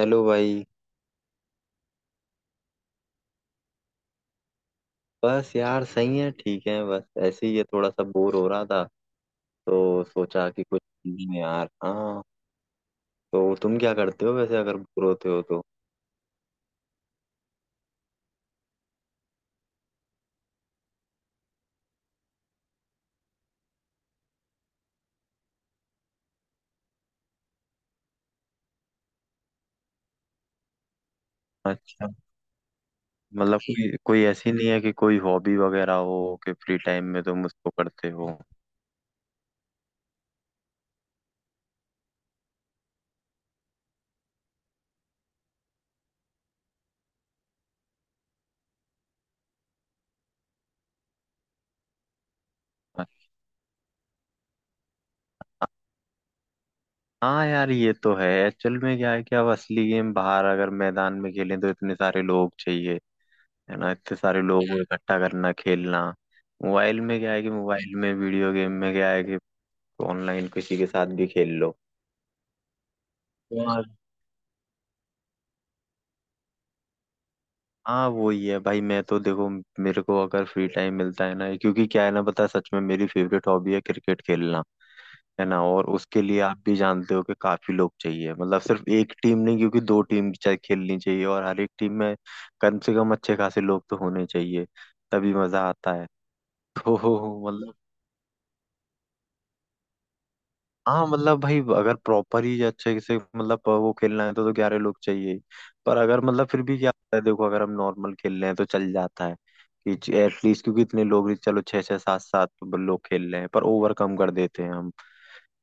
चलो भाई। बस यार सही है, ठीक है। बस ऐसे ही है, थोड़ा सा बोर हो रहा था तो सोचा कि कुछ नहीं है यार। हाँ, तो तुम क्या करते हो वैसे, अगर बोर होते हो तो? अच्छा। मतलब कोई कोई ऐसी नहीं है कि कोई हॉबी वगैरह हो कि फ्री टाइम में तुम उसको करते हो? हाँ यार, ये तो है। एक्चुअल में क्या है कि अब असली गेम बाहर अगर मैदान में खेलें तो इतने सारे लोग चाहिए, है ना। इतने सारे लोगों को इकट्ठा करना, खेलना। मोबाइल में क्या है कि मोबाइल में वीडियो गेम में क्या है कि तो ऑनलाइन किसी के साथ भी खेल लो। यार, हाँ वही है भाई। मैं तो देखो, मेरे को अगर फ्री टाइम मिलता है ना, क्योंकि क्या है ना, पता है, सच में मेरी फेवरेट हॉबी है क्रिकेट खेलना। है ना, और उसके लिए आप भी जानते हो कि काफी लोग चाहिए। मतलब सिर्फ एक टीम नहीं, क्योंकि दो टीम चाहे खेलनी चाहिए, और हर एक टीम में कम से कम अच्छे खासे लोग तो होने चाहिए। तभी मजा आता है। तो मतलब हाँ, मतलब भाई, अगर प्रॉपर ही अच्छे से मतलब वो खेलना है तो 11 लोग चाहिए ही। पर अगर मतलब फिर भी क्या होता है, देखो, अगर हम नॉर्मल खेल रहे हैं तो चल जाता है कि एटलीस्ट, क्योंकि इतने लोग भी, चलो छः छः सात सात लोग खेल रहे हैं पर ओवर कम कर देते हैं हम,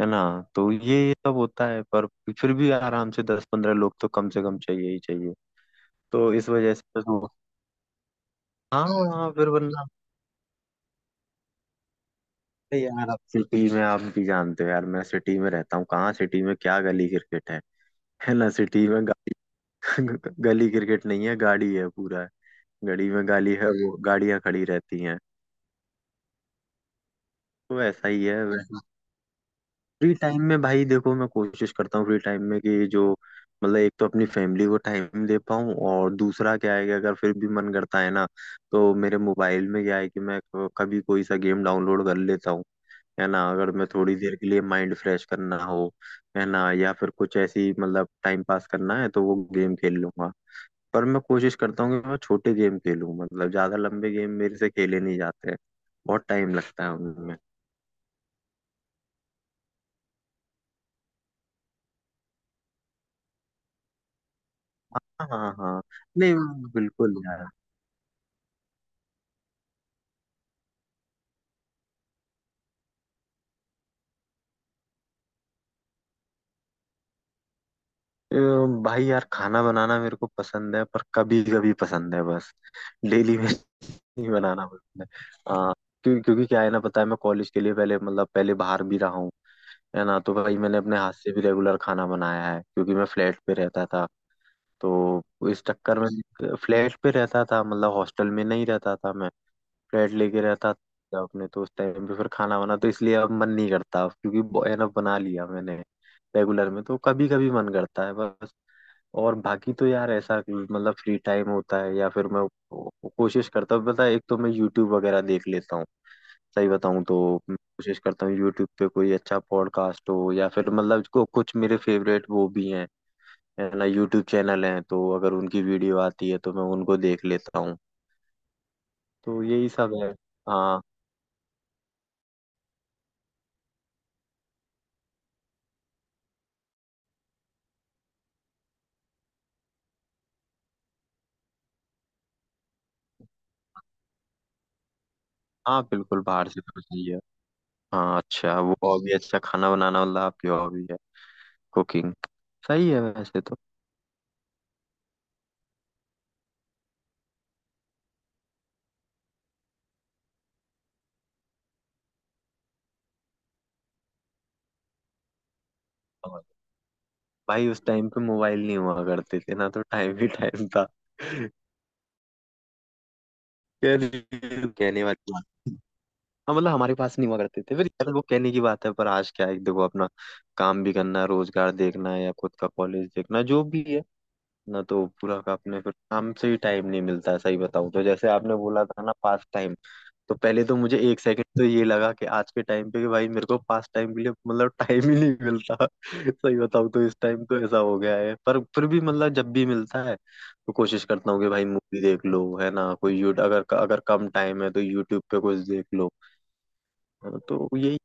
है ना। तो ये सब होता है। पर फिर भी आराम से 10-15 लोग तो कम से कम चाहिए ही चाहिए। तो इस वजह से तो हाँ हाँ, फिर वरना अरे यार, आप सिटी में, आप भी जानते हो यार, मैं सिटी में रहता हूँ, कहाँ सिटी में क्या गली क्रिकेट है? है ना, सिटी में गली क्रिकेट नहीं है, गाड़ी है पूरा है। गली में गाली है, वो गाड़ियां खड़ी रहती हैं। तो ऐसा ही है। फ्री टाइम में भाई, देखो मैं कोशिश करता हूँ फ्री टाइम में कि जो मतलब एक तो अपनी फैमिली को टाइम दे पाऊँ, और दूसरा क्या है कि अगर फिर भी मन करता है ना तो मेरे मोबाइल में क्या है कि मैं कभी कोई सा गेम डाउनलोड कर लेता हूँ, है ना। अगर मैं थोड़ी देर के लिए माइंड फ्रेश करना हो, है ना, या फिर कुछ ऐसी मतलब टाइम पास करना है तो वो गेम खेल लूंगा। पर मैं कोशिश करता हूँ कि मैं छोटे गेम खेलूँ, मतलब ज्यादा लंबे गेम मेरे से खेले नहीं जाते हैं, बहुत टाइम लगता है उनमें। हाँ हाँ हाँ, नहीं बिल्कुल यार। अ, भाई यार, खाना बनाना मेरे को पसंद है, पर कभी कभी पसंद है बस। डेली में नहीं बनाना पसंद है। हाँ। क्यों, क्योंकि क्या है ना, पता है, मैं कॉलेज के लिए पहले मतलब पहले बाहर भी रहा हूँ, है ना। तो भाई मैंने अपने हाथ से भी रेगुलर खाना बनाया है, क्योंकि मैं फ्लैट पे रहता था। तो इस चक्कर में फ्लैट पे रहता था, मतलब हॉस्टल में नहीं रहता था मैं, फ्लैट लेके रहता था अपने। तो उस टाइम पे फिर खाना वाना तो इसलिए अब मन नहीं करता अब, क्योंकि एनफ बना लिया मैंने। रेगुलर में तो कभी कभी मन करता है बस। और बाकी तो यार ऐसा कि मतलब फ्री टाइम होता है या फिर मैं कोशिश करता हूँ, पता है, एक तो मैं यूट्यूब वगैरह देख लेता हूँ, सही बताऊँ तो। कोशिश करता हूँ यूट्यूब पे कोई अच्छा पॉडकास्ट हो या फिर मतलब को कुछ मेरे फेवरेट वो भी हैं, है ना, यूट्यूब चैनल हैं, तो अगर उनकी वीडियो आती है तो मैं उनको देख लेता हूँ। तो यही सब है। हाँ हाँ, बिल्कुल, बाहर से तो सही है। हाँ अच्छा, वो हॉबी, अच्छा खाना बनाना मतलब आपकी हॉबी है, कुकिंग। सही है वैसे तो। और भाई, उस टाइम पे मोबाइल नहीं हुआ करते थे ना, तो टाइम ही टाइम था। कहने कहने वाली बात, हाँ मतलब हमारे पास नहीं हुआ करते थे फिर यार, वो कहने की बात है। पर आज क्या है कि देखो, अपना काम भी करना है, रोजगार देखना है या खुद का कॉलेज देखना, जो भी है ना, तो पूरा का अपने फिर काम से ही टाइम नहीं मिलता है, सही बताऊं तो। जैसे आपने बोला था ना पास टाइम, तो पहले तो मुझे एक सेकंड तो ये लगा कि आज के टाइम पे कि भाई मेरे को पास टाइम के लिए मतलब टाइम ही नहीं मिलता। सही बताऊं तो इस टाइम तो ऐसा हो गया है, पर फिर भी मतलब जब भी मिलता है तो कोशिश करता हूँ कि भाई मूवी देख लो, है ना, कोई यूट, अगर अगर कम टाइम है तो यूट्यूब पे कुछ देख लो। तो यही।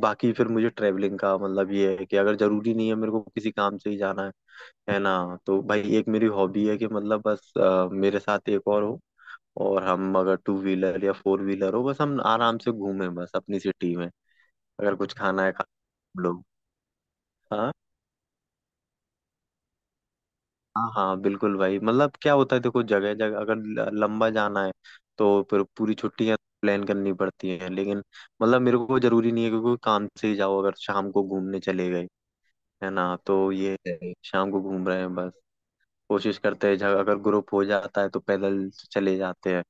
बाकी फिर मुझे ट्रेवलिंग का, मतलब ये है कि अगर जरूरी नहीं है मेरे को किसी काम से ही जाना है ना, तो भाई एक मेरी हॉबी है कि मतलब बस मेरे साथ एक और हो, और हम अगर टू व्हीलर या फोर व्हीलर हो, बस हम आराम से घूमें बस अपनी सिटी में। अगर कुछ खाना है, खा हम लोग। हाँ हाँ, हाँ बिल्कुल भाई, मतलब क्या होता है, देखो, जगह जगह अगर लंबा जाना है तो फिर पूरी छुट्टियां प्लान करनी पड़ती हैं, लेकिन मतलब मेरे को जरूरी नहीं है, क्योंकि काम से ही जाओ, अगर शाम को घूमने चले गए, है ना, तो ये है, शाम को घूम रहे हैं बस। कोशिश करते हैं अगर ग्रुप हो जाता है तो पैदल चले जाते हैं,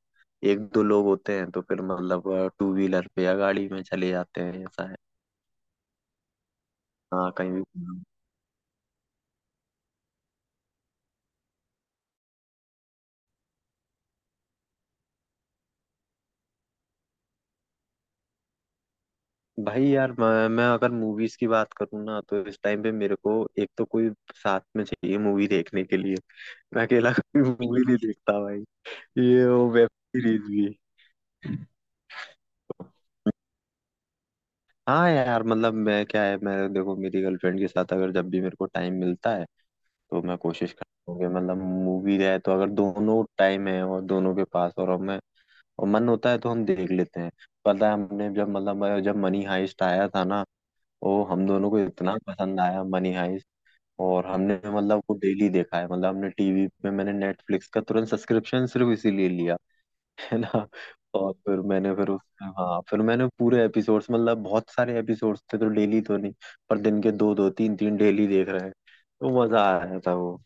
एक दो लोग होते हैं तो फिर मतलब टू व्हीलर पे या गाड़ी में चले जाते हैं, ऐसा है। हाँ, कहीं भी। भाई यार, मैं अगर मूवीज की बात करूँ ना, तो इस टाइम पे मेरे को एक तो कोई साथ में चाहिए मूवी देखने के लिए। मैं अकेला कोई मूवी नहीं देखता भाई, ये वो वेब सीरीज भी। हाँ यार, मतलब मैं क्या है, मैं देखो मेरी गर्लफ्रेंड के साथ अगर जब भी मेरे को टाइम मिलता है तो मैं कोशिश करूँगी, मतलब मूवी है तो अगर दोनों टाइम है और दोनों के पास, और हमें और मन होता है, तो हम देख लेते हैं। पता है, हमने जब मतलब जब मनी हाइस्ट आया था ना, वो हम दोनों को इतना पसंद आया, मनी हाइस्ट। और हमने मतलब वो डेली देखा है, मतलब हमने टीवी पे, मैंने नेटफ्लिक्स का तुरंत सब्सक्रिप्शन सिर्फ इसीलिए लिया। है ना, और फिर मैंने फिर उस, हाँ फिर मैंने पूरे एपिसोड्स, मतलब बहुत सारे एपिसोड्स थे तो डेली तो नहीं, पर दिन के दो दो तीन तीन डेली देख रहे हैं। तो मजा आ रहा था वो।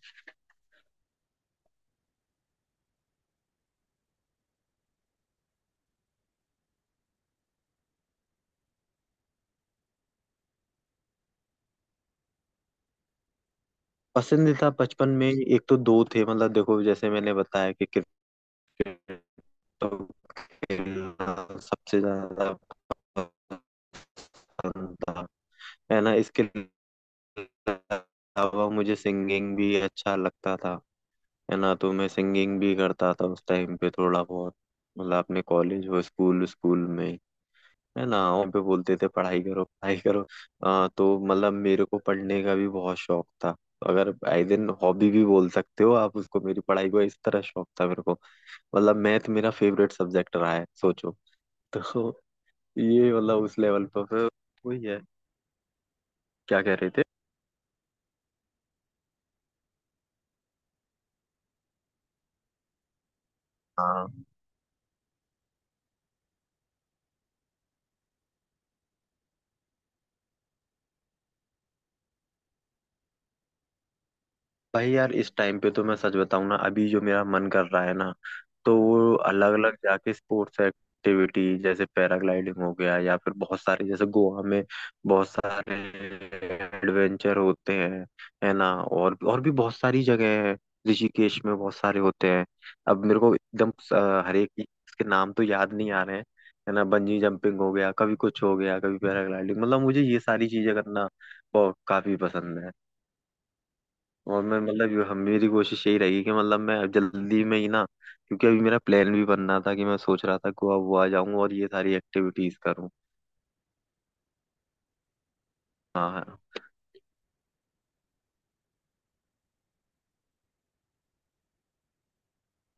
पसंदीदा बचपन में एक, तो दो थे, मतलब देखो, जैसे मैंने बताया कि क्रिकेट, तो खेलना सबसे ज्यादा पसंद था। है ना, इसके अलावा मुझे सिंगिंग भी अच्छा लगता था, है ना, तो मैं सिंगिंग भी करता था उस टाइम पे थोड़ा बहुत। मतलब अपने कॉलेज और स्कूल स्कूल में, है ना, वहाँ पे बोलते थे पढ़ाई करो पढ़ाई करो। तो मतलब मेरे को पढ़ने का भी बहुत शौक था, तो अगर आई दिन हॉबी भी बोल सकते हो आप उसको, मेरी पढ़ाई को इस तरह शौक था मेरे को। मतलब मैथ मेरा फेवरेट सब्जेक्ट रहा है, सोचो। तो ये मतलब उस लेवल पर फिर वही है। क्या कह रहे थे? हाँ भाई यार, इस टाइम पे तो मैं सच बताऊं ना, अभी जो मेरा मन कर रहा है ना तो वो अलग अलग जाके स्पोर्ट्स एक्टिविटी, जैसे पैराग्लाइडिंग हो गया, या फिर बहुत सारे, जैसे गोवा में बहुत सारे एडवेंचर होते हैं, है ना, और भी बहुत सारी जगह है, ऋषिकेश में बहुत सारे होते हैं। अब मेरे को एकदम हर एक के नाम तो याद नहीं आ रहे हैं, है ना, बंजी जंपिंग हो गया, कभी कुछ हो गया, कभी पैराग्लाइडिंग, मतलब मुझे ये सारी चीजें करना बहुत काफी पसंद है। और मैं मतलब हम, मेरी कोशिश यही रहेगी कि मतलब मैं जल्दी में ही ना, क्योंकि अभी मेरा प्लान भी बन रहा था कि मैं सोच रहा था गोवा वोवा जाऊं और ये सारी एक्टिविटीज करूं। हाँ हाँ,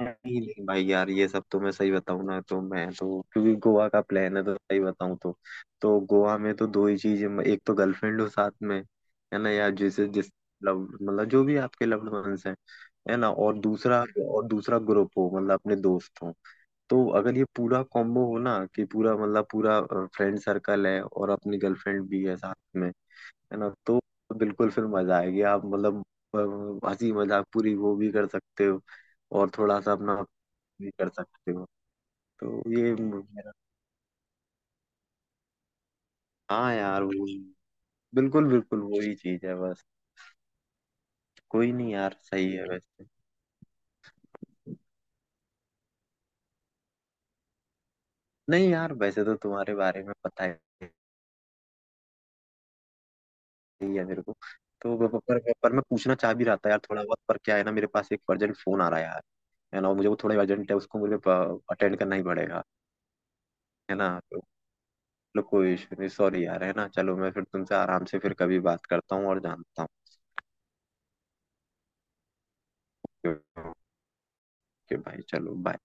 नहीं नहीं भाई यार, ये सब तो मैं सही बताऊं ना, तो मैं तो क्योंकि गोवा का प्लान है तो सही बताऊं तो गोवा में तो दो ही चीज, एक तो गर्लफ्रेंड हो साथ में, है ना यार, जिसे जिस लव मतलब जो भी आपके लव्ड वंस हैं, है ना, और दूसरा, और दूसरा ग्रुप हो, मतलब अपने दोस्त हो। तो अगर ये पूरा कॉम्बो हो ना, कि पूरा मतलब पूरा फ्रेंड सर्कल है और अपनी गर्लफ्रेंड भी है साथ में, है ना, तो बिल्कुल फिर मजा आएगी आप मतलब, हंसी मजाक पूरी वो भी कर सकते हो और थोड़ा सा अपना भी कर सकते हो। तो ये मेरा, हाँ यार वो बिल्कुल बिल्कुल वही चीज है बस। कोई नहीं यार, सही है वैसे। नहीं यार, वैसे तो तुम्हारे बारे में पता है, यही है मेरे को। तो पर मैं पूछना चाह भी रहा था यार थोड़ा बहुत, पर क्या है ना, मेरे पास एक अर्जेंट फोन आ रहा है यार, है ना, और मुझे वो थोड़ा अर्जेंट है, उसको मुझे अटेंड करना ही पड़ेगा। है ना तो लो, कोई इशू नहीं, सॉरी यार, है ना, चलो मैं फिर तुमसे आराम से फिर कभी बात करता हूँ और जानता हूँ। ओके भाई, चलो, बाय।